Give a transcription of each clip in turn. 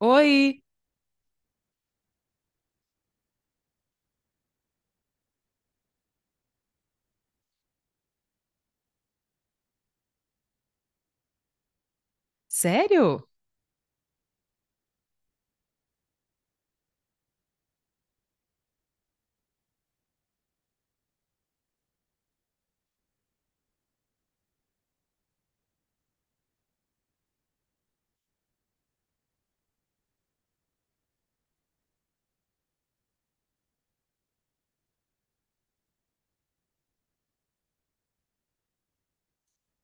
Oi, sério?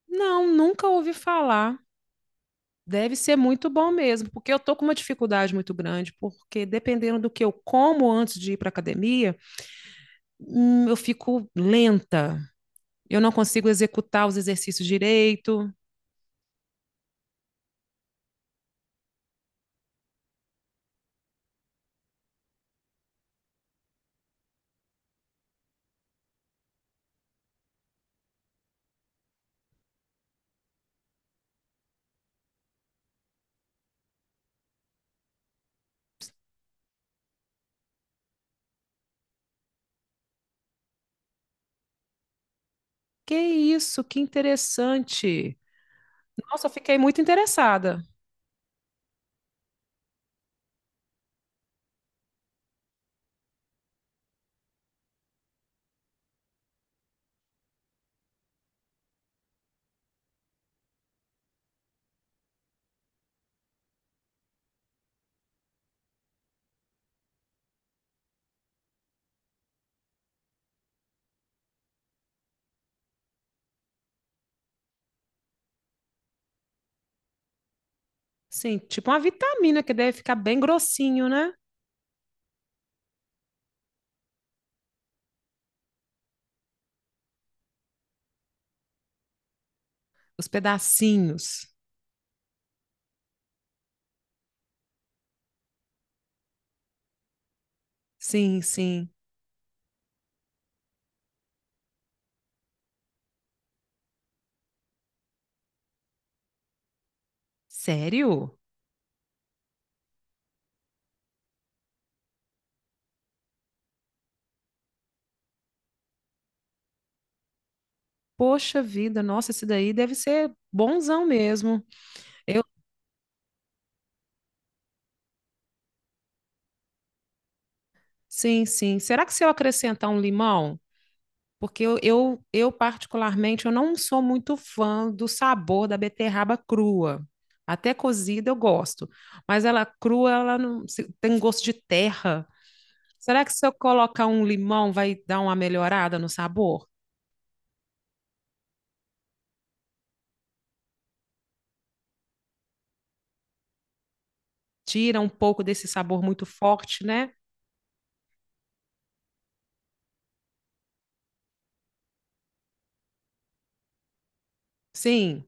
Não, nunca ouvi falar. Deve ser muito bom mesmo, porque eu tô com uma dificuldade muito grande, porque dependendo do que eu como antes de ir para academia, eu fico lenta. Eu não consigo executar os exercícios direito. Que isso, que interessante. Nossa, eu fiquei muito interessada. Sim, tipo uma vitamina que deve ficar bem grossinho, né? Os pedacinhos. Sim, sim. Sério? Poxa vida, nossa, esse daí deve ser bonzão mesmo. Eu, sim, sim. Será que se eu acrescentar um limão? Porque eu, particularmente, eu não sou muito fã do sabor da beterraba crua. Até cozida eu gosto, mas ela crua, ela tem gosto de terra. Será que se eu colocar um limão vai dar uma melhorada no sabor? Tira um pouco desse sabor muito forte, né? Sim,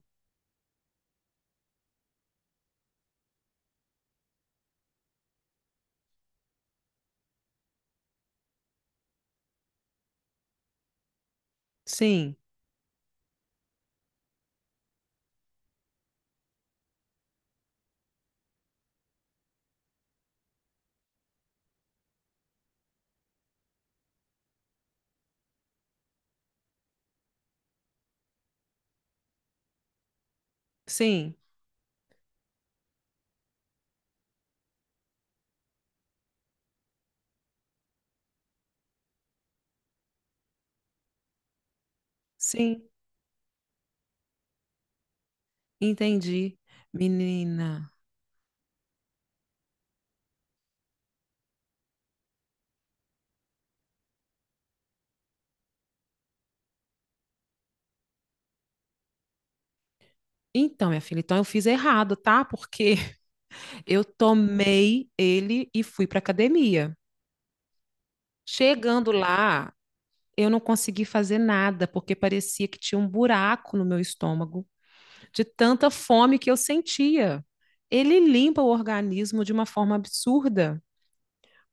sim, sim, sim. Entendi. Menina. Então, minha filha, então eu fiz errado, tá? Porque eu tomei ele e fui para academia. Chegando lá, eu não consegui fazer nada, porque parecia que tinha um buraco no meu estômago, de tanta fome que eu sentia. Ele limpa o organismo de uma forma absurda.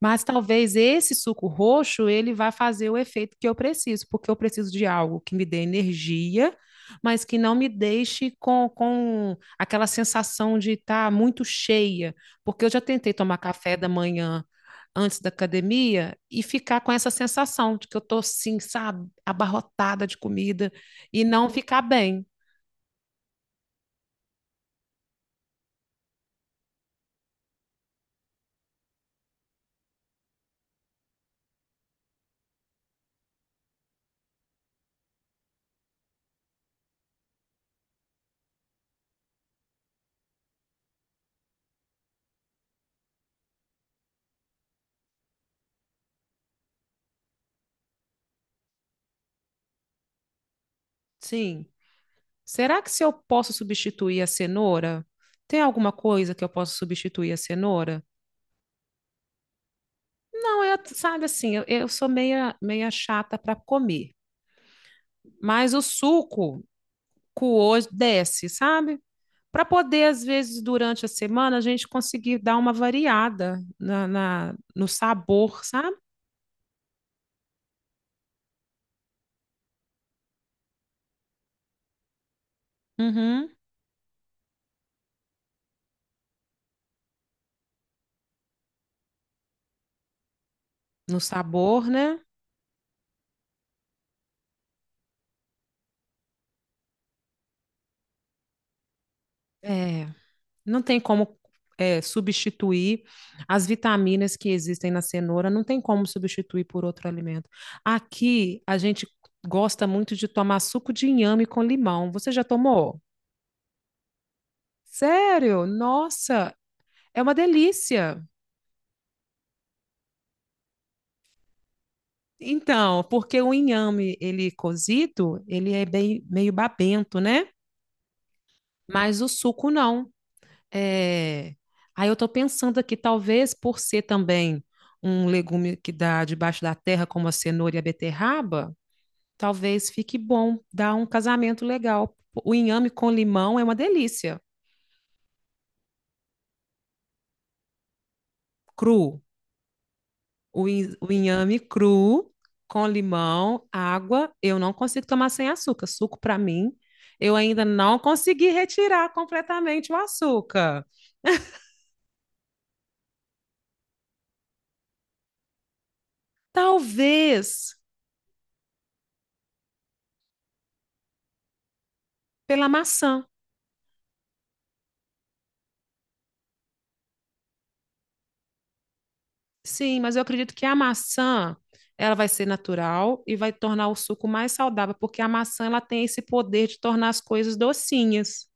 Mas talvez esse suco roxo ele vá fazer o efeito que eu preciso, porque eu preciso de algo que me dê energia, mas que não me deixe com aquela sensação de estar muito cheia, porque eu já tentei tomar café da manhã antes da academia e ficar com essa sensação de que eu estou assim, sabe, abarrotada de comida e não ficar bem. Sim. Será que se eu posso substituir a cenoura? Tem alguma coisa que eu posso substituir a cenoura? Não, eu, sabe assim, eu sou meia chata para comer, mas o suco coou desce, sabe? Para poder, às vezes, durante a semana, a gente conseguir dar uma variada no sabor, sabe? Uhum, no sabor, né? É, não tem como substituir as vitaminas que existem na cenoura, não tem como substituir por outro alimento. Aqui, a gente gosta muito de tomar suco de inhame com limão. Você já tomou? Sério? Nossa, é uma delícia. Então, porque o inhame, ele cozido, ele é bem, meio babento, né? Mas o suco não. É... Aí eu tô pensando aqui, talvez por ser também um legume que dá debaixo da terra, como a cenoura e a beterraba, talvez fique bom, dá um casamento legal. O inhame com limão é uma delícia, cru. O inhame cru com limão, água, eu não consigo tomar sem açúcar. Suco para mim, eu ainda não consegui retirar completamente o açúcar. Talvez pela maçã. Sim, mas eu acredito que a maçã ela vai ser natural e vai tornar o suco mais saudável, porque a maçã ela tem esse poder de tornar as coisas docinhas.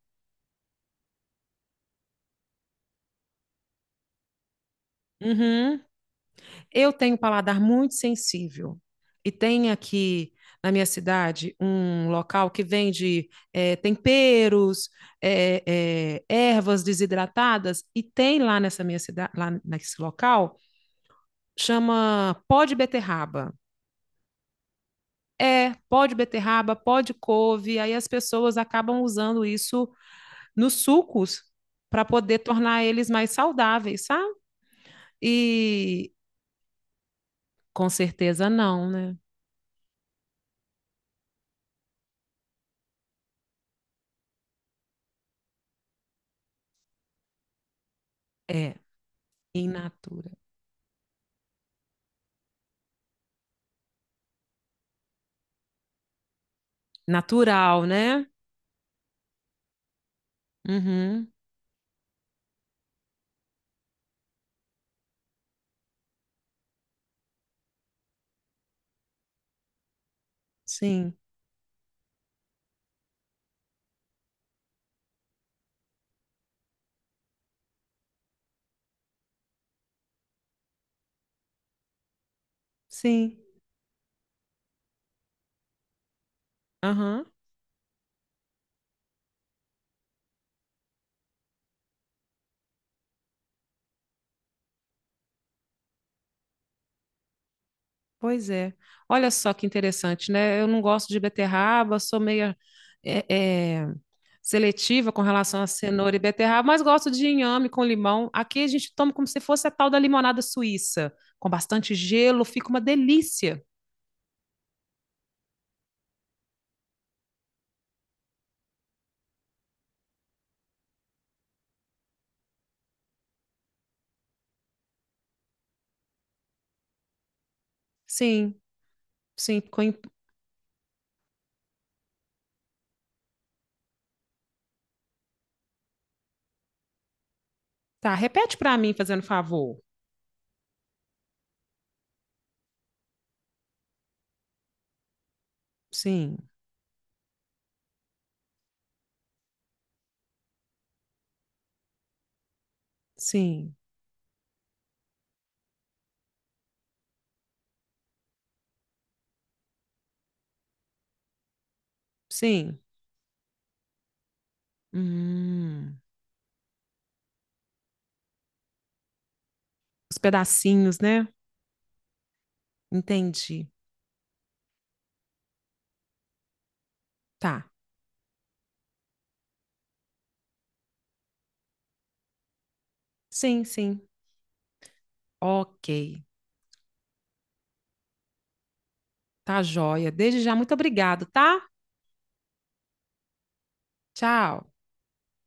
Uhum. Eu tenho um paladar muito sensível e tem aqui na minha cidade um local que vende temperos, é, ervas desidratadas e tem lá nessa minha cidade, lá nesse local, chama pó de beterraba. É, pó de beterraba, pó de couve, aí as pessoas acabam usando isso nos sucos para poder tornar eles mais saudáveis, sabe? E com certeza não, né? É, in natura. Natural, né? Uhum. Sim, sim. Aham. Pois é. Olha só que interessante, né? Eu não gosto de beterraba, sou meio seletiva com relação a cenoura e beterraba, mas gosto de inhame com limão. Aqui a gente toma como se fosse a tal da limonada suíça, com bastante gelo, fica uma delícia. Sim, sim. Ficou em- Tá, repete para mim, fazendo favor. Sim, sim, sim. Hum, os pedacinhos, né? Entendi. Tá. Sim, sim. Ok. Tá joia. Desde já, muito obrigado, tá? Tchau.